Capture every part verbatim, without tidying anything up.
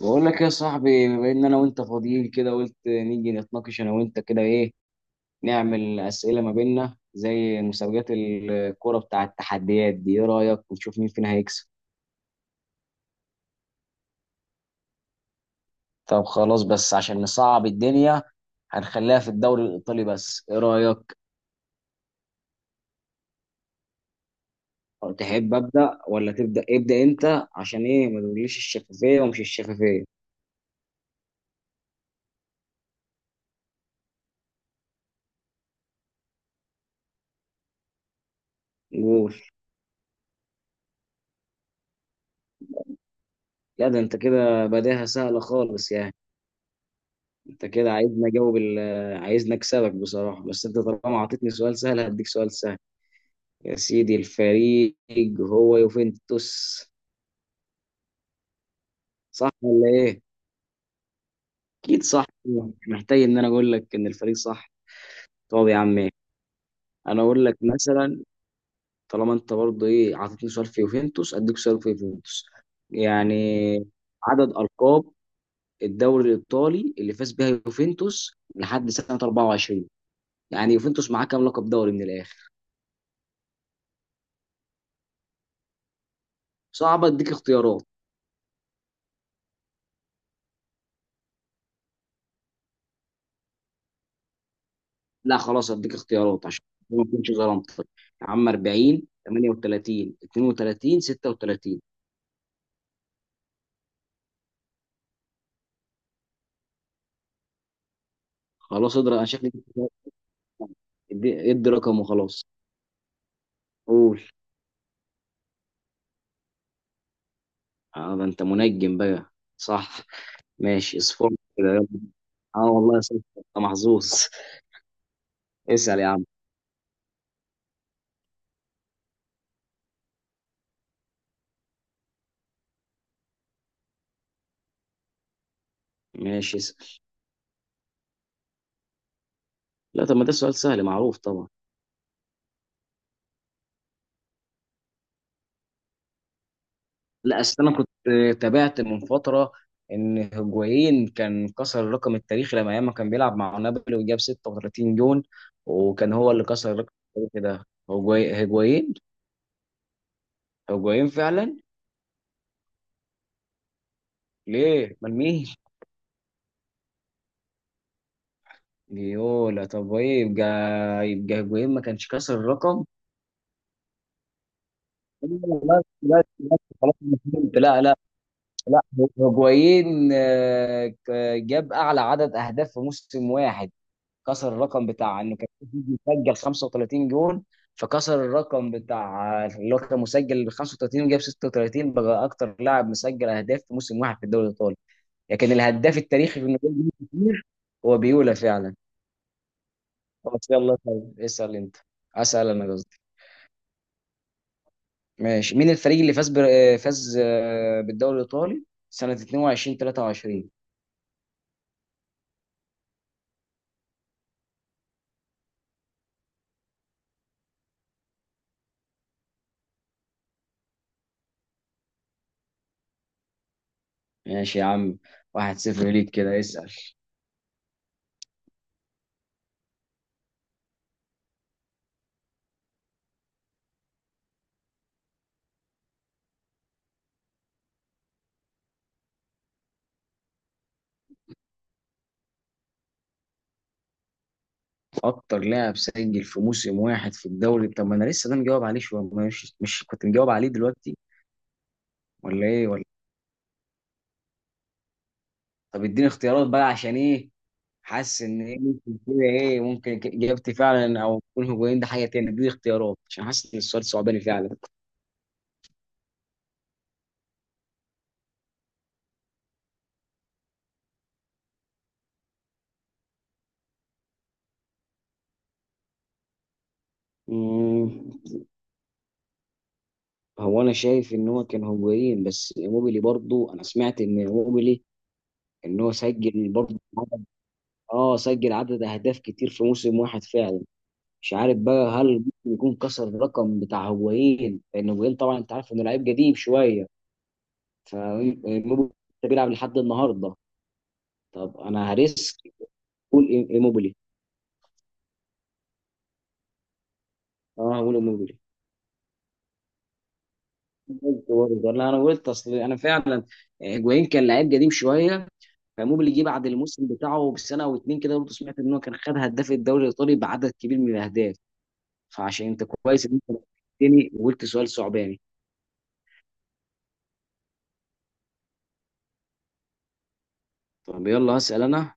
بقول لك يا صاحبي، بما ان انا وانت فاضيين كده قلت نيجي نتناقش انا وانت كده. ايه نعمل اسئله ما بيننا زي مسابقات الكوره بتاع التحديات دي؟ ايه رايك ونشوف مين فينا هيكسب؟ طب خلاص، بس عشان نصعب الدنيا هنخليها في الدوري الايطالي بس. ايه رايك؟ تحب ابدا ولا تبدا؟ ابدا انت. عشان ايه ما تقوليش الشفافيه ومش الشفافيه. قول. لا ده انت كده بداها سهله خالص يعني. انت كده عايزني اجاوب ال- عايزني اكسبك بصراحه. بس انت طالما اعطيتني سؤال سهل هديك سؤال سهل. يا سيدي الفريق هو يوفنتوس. صح ولا ايه؟ اكيد صح، مش محتاج ان انا اقول لك ان الفريق صح. طب يا عم، ايه انا اقول لك مثلا. طالما انت برضه ايه اعطيتني سؤال في يوفنتوس اديك سؤال في يوفنتوس. يعني عدد القاب الدوري الايطالي اللي فاز بها يوفنتوس لحد سنه أربعة وعشرين، يعني يوفنتوس معاه كام لقب دوري من الاخر؟ صعب. اديك اختيارات. لا خلاص اديك اختيارات عشان ما اكونش ظلمتك. يا عم أربعين ثمانية وثلاثين اثنين وثلاثين ستة وتلاتين. خلاص اضرب انا شكلي. ادي ادي رقم وخلاص. قول. اه ده انت منجم بقى. صح. ماشي اصفر كده يلا. اه والله صح، انت محظوظ. اسال يا عم. ماشي، اسال. لا طب ما ده سؤال سهل معروف طبعا. لا اصل انا كنت تابعت من فتره ان هجوين كان كسر الرقم التاريخي لما ايام ما كان بيلعب مع نابولي وجاب 36 جون. وكان هو اللي كسر الرقم التاريخي ده هجوي- هجوين. هجوين فعلا. ليه؟ امال مين؟ يولا؟ طب ايه يبقى؟ يبقى هجوين ما كانش كسر الرقم. لا لا لا خلاص أنا فهمت. لا لا. لا هجوين، آه، ك- جاب اعلى عدد اهداف في موسم واحد. كسر الرقم بتاع انه كان في فيديو مسجل 35 جون. فكسر الرقم بتاع اللي هو كان مسجل خمسة وتلاتين وجاب ستة وثلاثين بقى اكتر لاعب مسجل اهداف في موسم واحد في الدوري الايطالي. لكن الهداف التاريخي في انه جاب جون كتير هو بيولا فعلا. بس يلا طيب، اسال انت. اسال، انا قصدي. ماشي، مين الفريق اللي فاز بر... آه، فاز آه، بالدوري الايطالي سنة اثنين وعشرين تلاتة وعشرين؟ ماشي يا عم، واحد صفر ليك كده. اسال. اكتر لاعب سجل في موسم واحد في الدوري. طب ما انا لسه ده مجاوب عليه شويه، مش مش كنت مجاوب عليه دلوقتي؟ ولا ايه ولا؟ طب اديني اختيارات بقى عشان ايه. حاسس ان ايه ممكن كده، ايه ممكن ك- اجابتي فعلا، او يكون هجومين ده حاجه تاني. اديني اختيارات عشان حاسس ان السؤال صعباني فعلا. مم، هو انا شايف ان هو كان هجومين. بس موبيلي برضو انا سمعت ان موبيلي، ان هو سجل برضو عدد- اه سجل عدد اهداف كتير في موسم واحد فعلا. مش عارف بقى، هل ممكن يكون كسر الرقم بتاع هوايين؟ لان هوايين طبعا انت عارف انه لعيب قديم شويه. فايموبيلي بيلعب لحد النهارده. طب انا هريسك. قول إي- ايموبيلي. اه هقول ايموبيلي. قلت برضه ولا انا قلت؟ اصل انا فعلا هيجوين كان لعيب قديم شويه. فايموبيلي جه بعد الموسم بتاعه بسنه او اتنين كده، برضه سمعت ان هو كان خد هداف الدوري الايطالي بعدد كبير من الاهداف. فعشان انت كويس ان انت نبهتني وقلت سؤال صعباني. طب يلا هسال انا.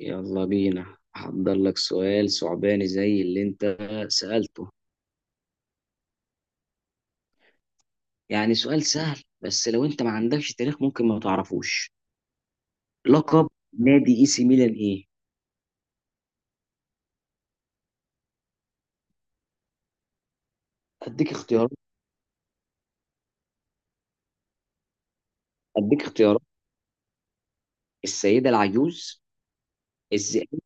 يلا بينا هحضر لك سؤال صعباني زي اللي انت سألته. يعني سؤال سهل، بس لو انت ما عندكش تاريخ ممكن ما تعرفوش. لقب نادي اي سي ميلان ايه؟ اديك اختيارات. اديك اختيارات السيدة العجوز، الذئاب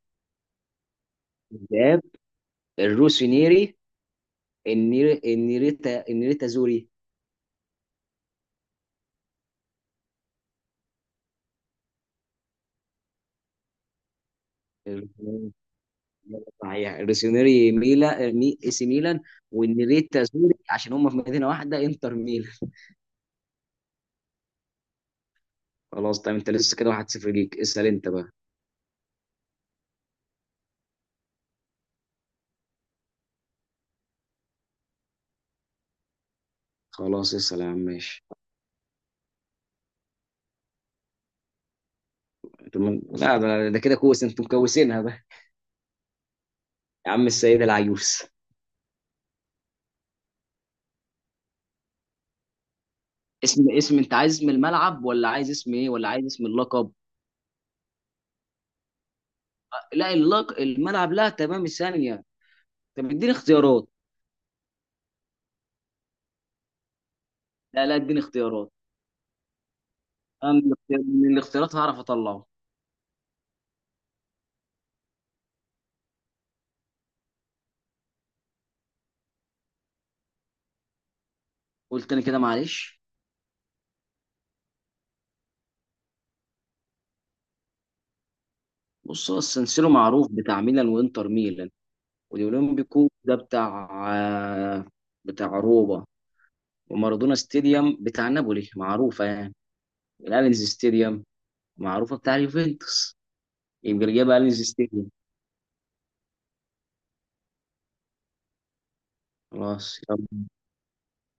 الذئاب، الروسينيري، النير... النيريتا. النيريتا زوري؟ الروسينيري. صحيح الروسينيري، ميلا مي... اي سي ميلان، والنيريتا زوري عشان هم في مدينة واحدة انتر ميلان. خلاص طيب، انت لسه كده واحد صفر ليك، اسأل انت بقى. خلاص، اسأل يا عم. ماشي. طب ما- لا ده، ده كده كويس انتوا مكوسينها بقى. يا عم السيدة العيوس. اسم، اسم انت عايز اسم الملعب ولا عايز اسم ايه ولا عايز اسم اللقب؟ لا اللق... الملعب، لا تمام ثانية. طب اديني اختيارات. لا لا اديني اختيارات. انا من الاختيار- من الاختيارات هعرف اطلعه. قلت انا كده معلش. بص هو السنسيرو معروف بتاع ميلان وانتر ميلان. والاولمبيكو ده بتاع، آه، بتاع روما. ومارادونا ستاديوم بتاع نابولي معروفة يعني. الالينز ستاديوم معروفة بتاع اليوفنتوس. يبقى اللي جاب أليس ستيجن. خلاص يلا.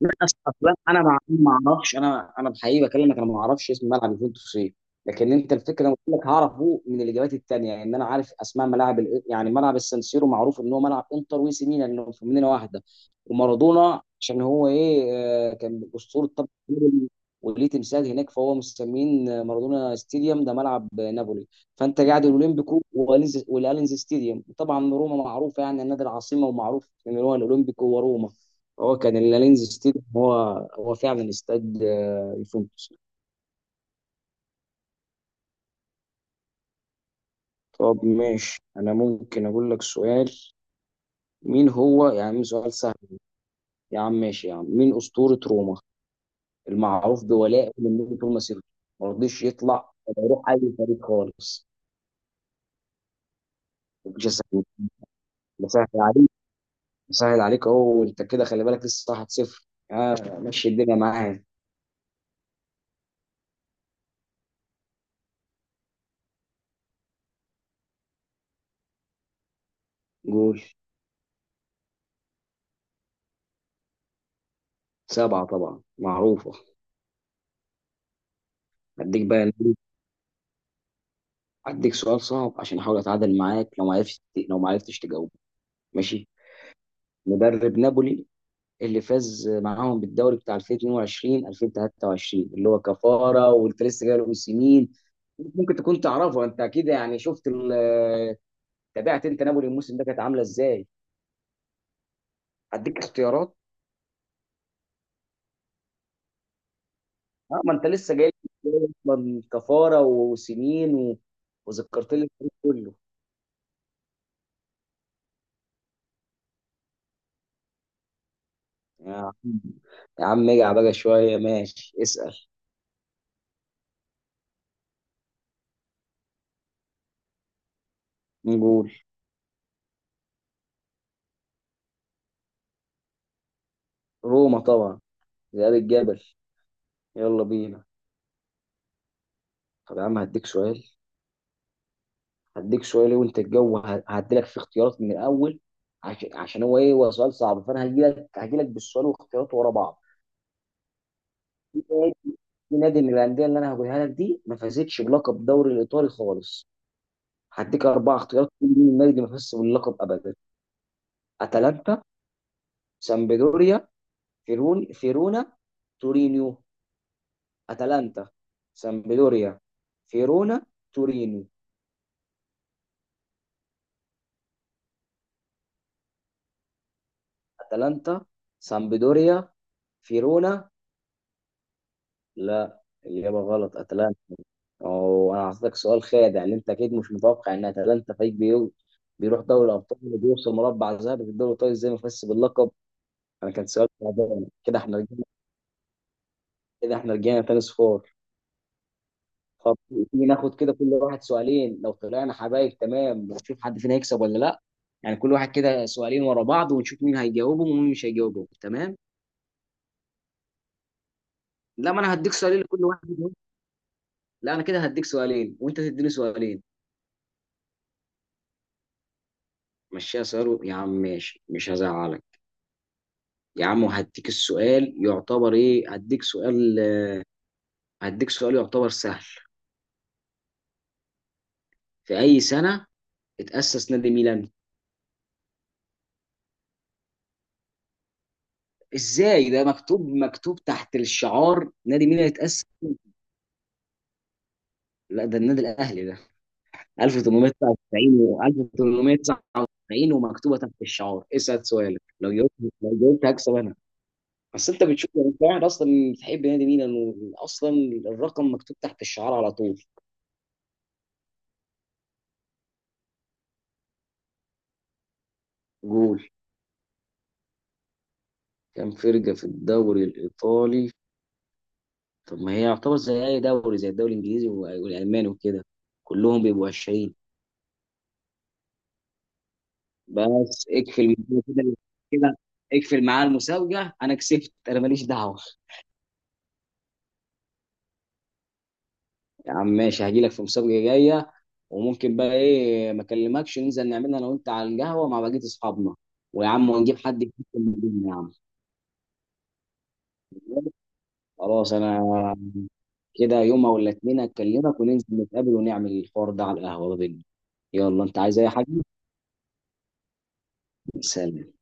لا أص- اصلا انا مع... ما اعرفش. انا انا بحقيقي بكلمك، انا ما اعرفش اسم ملعب يوفنتوس ايه. لكن انت الفكره انا قلت لك هعرفه من الاجابات التانيه. ان انا عارف اسماء ملاعب ال- يعني ملعب السانسيرو معروف ان هو ملعب انتر وإي سي ميلان انه في مدينه واحده. ومارادونا عشان هو ايه، آه، كان اسطوره طب، وليه تمثال هناك فهو مسمين آه، مارادونا ستاديوم ده ملعب آه، نابولي. فانت قاعد الاولمبيكو والألينز- والالينز ستاديوم طبعا. روما معروفه يعني النادي العاصمه، ومعروف ان هو الاولمبيكو وروما. هو كان اللينز ستيديوم هو، هو فعلا استاد آه، يوفنتوس. طب ماشي، انا ممكن اقول لك سؤال. مين هو يا عم؟ سؤال سهل. يا عم ماشي، يا عم مين اسطورة روما المعروف بولائه للنبي طول مسيرته، ما رضيش يطلع ولا يروح اي فريق خالص؟ مش سهل. بسهل عليك بسهل عليك اهو، وانت كده خلي بالك لسه واحد صفر. آه ماشي الدنيا معايا. جول. سبعة طبعا معروفة. هديك بقى، هديك سؤال صعب عشان احاول اتعادل معاك. لو ما عرفتش، لو ما عرفتش تجاوب. ماشي. مدرب نابولي اللي فاز معاهم بالدوري بتاع ألفين واتنين وعشرين ألفين وتلاتة وعشرين اللي هو كفارة، وانت لسه جاي له من سنين. ممكن تكون تعرفه انت اكيد يعني. شفت ال- آه، تابعت انت نابولي الموسم ده كانت عامله ازاي؟ هديك اختيارات. اه ما انت لسه جاي، جاي اصلا كفارة وسنين و... وذكرت لي الفريق كله. يا عم، يا عم اجع بقى شويه. ماشي اسأل. نقول. روما طبعا، ذئاب الجبل. يلا بينا. طب يا عم هديك سؤال، هديك سؤال إيه وانت الجو، ه- هديلك في اختيارات من الاول عشان عشان هو ايه، هو سؤال صعب. فانا هجيلك هجيلك بالسؤال واختياراته ورا بعض. في نادي في نادي من الانديه اللي انا هقولها لك دي ما فازتش بلقب الدوري الايطالي خالص. هديك اربع اختيارات، كل مين النادي اللي ما فازش باللقب ابدا. اتلانتا، سامبدوريا، فيرون فيرونا، تورينيو. اتلانتا، سامبدوريا، فيرونا، تورينيو. اتلانتا، سامبدوريا، فيرونا. لا الاجابه غلط، اتلانتا. وانا هعطيك سؤال خادع اللي انت اكيد مش متوقع ان اتلانتا فريق بيو- بيروح دوري الابطال وبيوصل مربع ذهبي في الدوري الايطالي، ازاي مفس باللقب. انا كان سؤال تعبان كده احنا رجعنا. كده احنا رجعنا تاني صفار. طب تيجي ناخد كده كل واحد سؤالين، لو طلعنا حبايب تمام، ونشوف حد فينا هيكسب ولا لا. يعني كل واحد كده سؤالين ورا بعض، ونشوف مين هيجاوبهم ومين مش هيجاوبهم تمام. لا ما انا هديك سؤالين لكل واحد منهم. لا انا كده هديك سؤالين وانت تديني سؤالين. مشيها سؤال و- يا عم ماشي مش هزعلك. يا عم وهديك السؤال يعتبر ايه، هديك سؤال هديك سؤال يعتبر سهل. في اي سنة اتأسس نادي ميلان؟ ازاي ده مكتوب، مكتوب تحت الشعار نادي ميلان اتأسس. لا ده النادي الاهلي ده ألف وتمنمية وتسعة وتسعين. و ألف وتمنمية وتسعة وتسعين ومكتوبة تحت الشعار. اسأل سؤالك، لو جاوبت، لو جاوبت هكسب انا. بس انت بتشوف يعني، انت قاعد اصلا بتحب نادي ميلان واصلا الرقم مكتوب تحت الشعار على طول. جول. كان فرقة في الدوري الإيطالي. طب ما هي يعتبر زي اي دوري، زي الدوري الانجليزي وال- والالماني وكده، كلهم بيبقوا عشرين. بس اقفل كده. كده اقفل معاه المسابقه، انا كسبت، انا ماليش دعوه. يا عم ماشي، هجي لك في مسابقه جايه. وممكن بقى ايه ما اكلمكش ننزل نعملها انا وانت على القهوه مع بقيه اصحابنا. ويا عم ونجيب حد يكتب الدنيا يا عم. خلاص انا كده يوم او الاثنين اكلمك وننزل نتقابل ونعمل الحوار ده على القهوه ده بينا. يلا انت عايز اي حاجه؟ سلام.